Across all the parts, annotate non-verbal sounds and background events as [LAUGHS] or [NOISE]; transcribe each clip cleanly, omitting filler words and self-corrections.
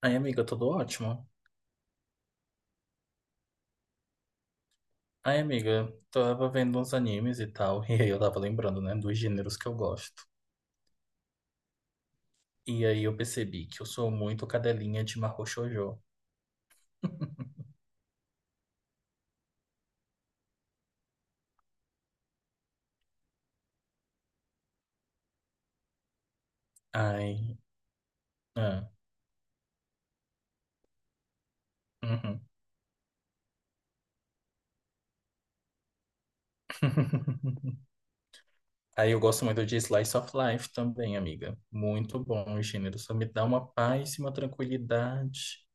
Ai, amiga, tudo ótimo. Ai, amiga, tava vendo uns animes e tal, [LAUGHS] e aí eu tava lembrando, né, dos gêneros que eu gosto. E aí eu percebi que eu sou muito cadelinha de Mahou Shoujo. Ai, ah, uhum. [LAUGHS] Aí eu gosto muito de Slice of Life também, amiga. Muito bom o gênero, só me dá uma paz e uma tranquilidade.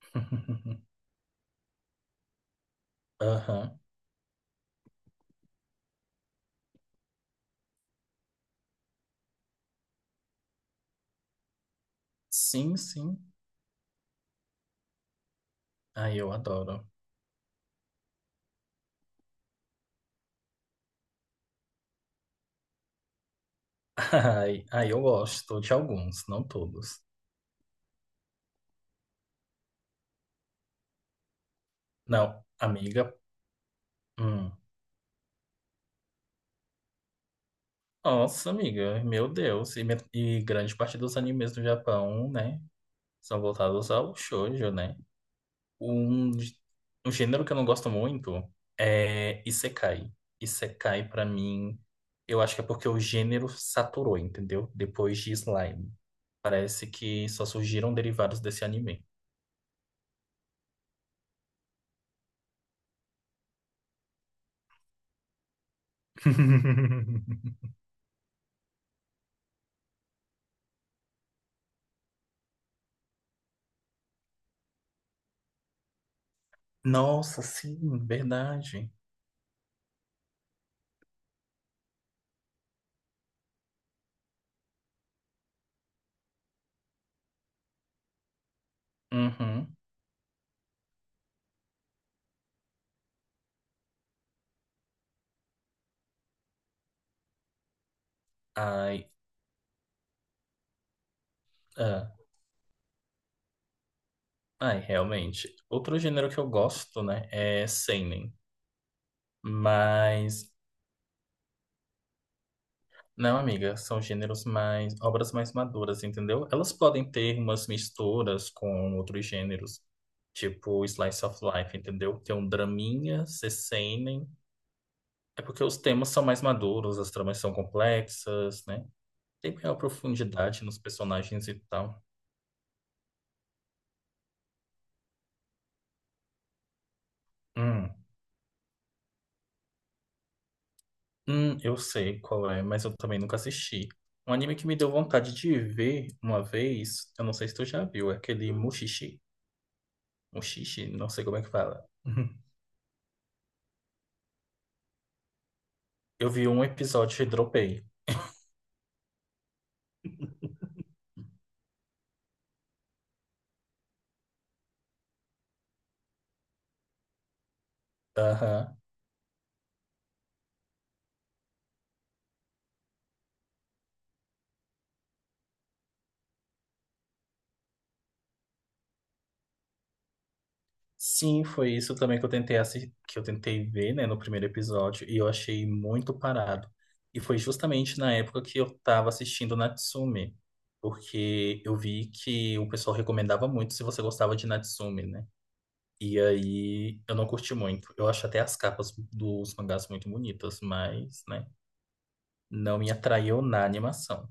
[LAUGHS] Aham. Sim, sim. Ai, eu adoro. [LAUGHS] Ai, ai, eu gosto de alguns, não todos. Não, amiga. Hum. Nossa, amiga, meu Deus. E, e grande parte dos animes do Japão, né? São voltados ao shoujo, né? Um, gê- Um gênero que eu não gosto muito é Isekai. Isekai, pra mim, eu acho que é porque o gênero saturou, entendeu? Depois de Slime. Parece que só surgiram derivados desse anime. [LAUGHS] Nossa, sim, verdade. Uhum. Ai, ah, ai, realmente. Outro gênero que eu gosto, né, é seinen. Mas, não, amiga, são gêneros mais, obras mais maduras, entendeu? Elas podem ter umas misturas com outros gêneros, tipo Slice of Life, entendeu? Tem um draminha, seinen. É porque os temas são mais maduros, as tramas são complexas, né? Tem maior profundidade nos personagens e tal. Hum, eu sei qual é, mas eu também nunca assisti. Um anime que me deu vontade de ver uma vez, eu não sei se tu já viu, é aquele Mushishi. Um xixi, não sei como é que fala. [LAUGHS] Eu vi um episódio e dropei. Aham. Sim, foi isso também que eu que eu tentei ver, né, no primeiro episódio, e eu achei muito parado. E foi justamente na época que eu tava assistindo Natsume, porque eu vi que o pessoal recomendava muito se você gostava de Natsume, né? E aí eu não curti muito. Eu acho até as capas dos mangás muito bonitas, mas, né, não me atraiu na animação.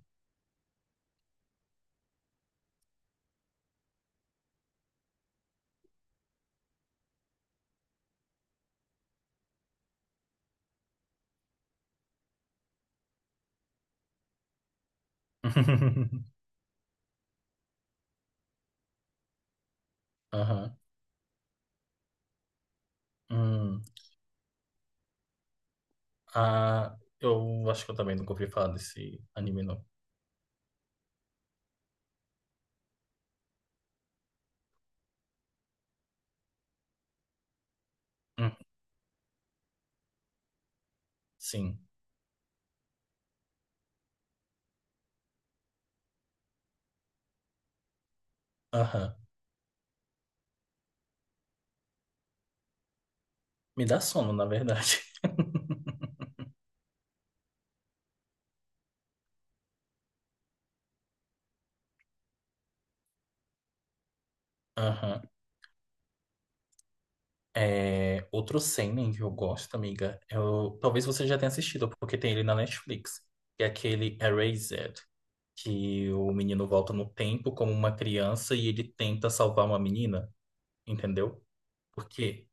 [LAUGHS] Aham. Hum. Ah, eu acho que eu também nunca ouvi falar desse anime, não. Hum, sim. Aham. Me dá sono, na verdade. [LAUGHS] Aham. É, outro seinen que eu gosto, amiga. Eu, talvez você já tenha assistido, porque tem ele na Netflix. Que é aquele Erased, que o menino volta no tempo como uma criança e ele tenta salvar uma menina, entendeu? Porque,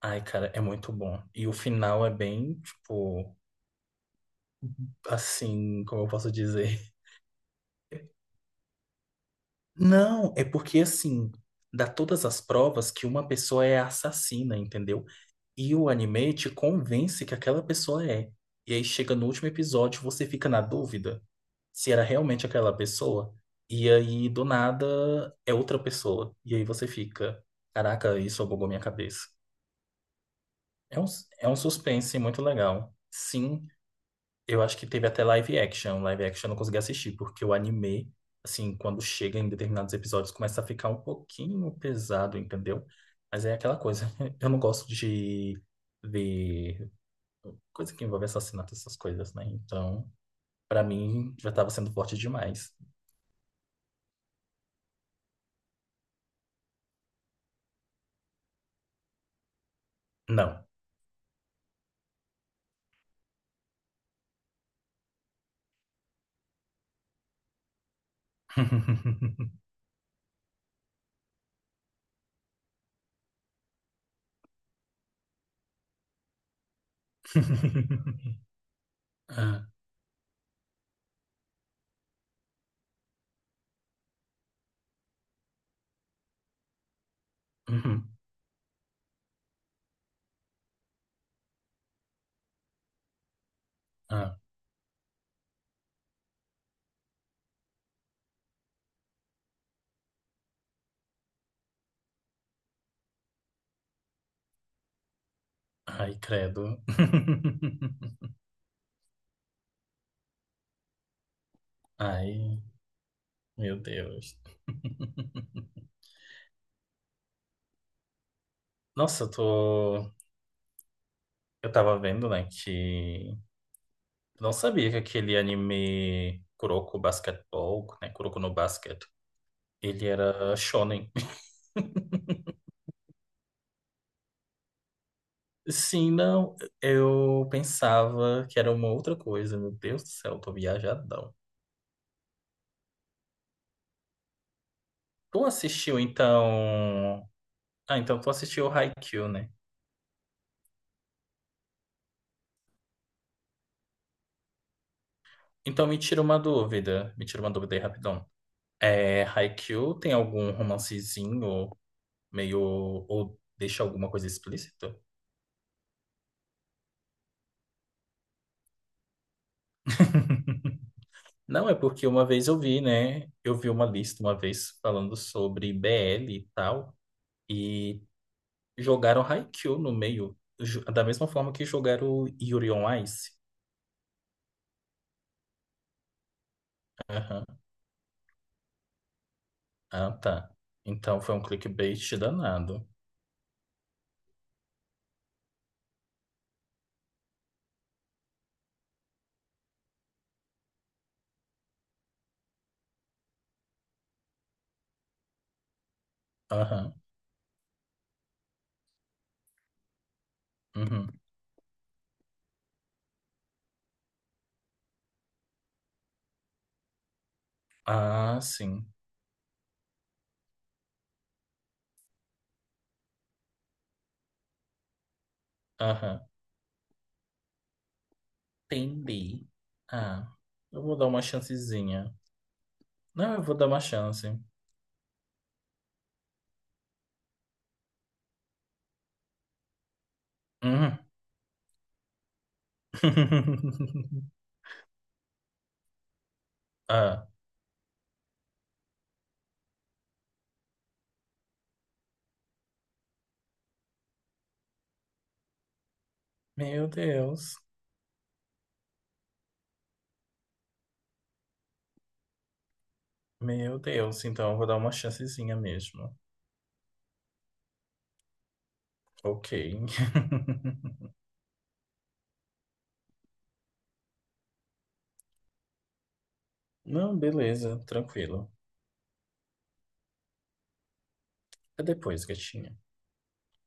ai, cara, é muito bom. E o final é bem, tipo, assim, como eu posso dizer? Não, é porque assim, dá todas as provas que uma pessoa é assassina, entendeu? E o anime te convence que aquela pessoa é. E aí chega no último episódio, você fica na dúvida se era realmente aquela pessoa. E aí, do nada, é outra pessoa. E aí você fica, caraca, isso bugou minha cabeça. É um, é um suspense muito legal. Sim, eu acho que teve até live action. Live action eu não consegui assistir, porque o anime, assim, quando chega em determinados episódios, começa a ficar um pouquinho pesado, entendeu? Mas é aquela coisa. [LAUGHS] Eu não gosto de ver coisa que envolve assassinato, essas coisas, né? Então, pra mim, já tava sendo forte demais. Não. [LAUGHS] Ah, uhum, ah, ai, credo. [LAUGHS] Ai, meu Deus. [LAUGHS] Nossa, eu tô. Eu tava vendo, né, que eu não sabia que aquele anime Kuroko Basketball, né, Kuroko no Basket, ele era shonen. [LAUGHS] Sim, não, eu pensava que era uma outra coisa. Meu Deus do céu, eu tô viajadão. Tu assistiu, então... Ah, então tu assistiu Haikyuu, né? Então me tira uma dúvida, me tira uma dúvida aí rapidão. É, Haikyuu tem algum romancezinho meio... ou deixa alguma coisa explícita? Não, é porque uma vez eu vi, né? Eu vi uma lista uma vez falando sobre BL e tal, e jogaram Haikyuu no meio, da mesma forma que jogaram Yuri on Ice. Aham. Ah, tá. Então foi um clickbait danado. Aham. Uhum. Ah, sim. Aham. Entendi. Ah, eu vou dar uma chancezinha. Não, eu vou dar uma chance. Uhum. [LAUGHS] Ah, meu Deus. Meu Deus, então eu vou dar uma chancezinha mesmo. Ok. [LAUGHS] Não, beleza, tranquilo. É depois, gatinha.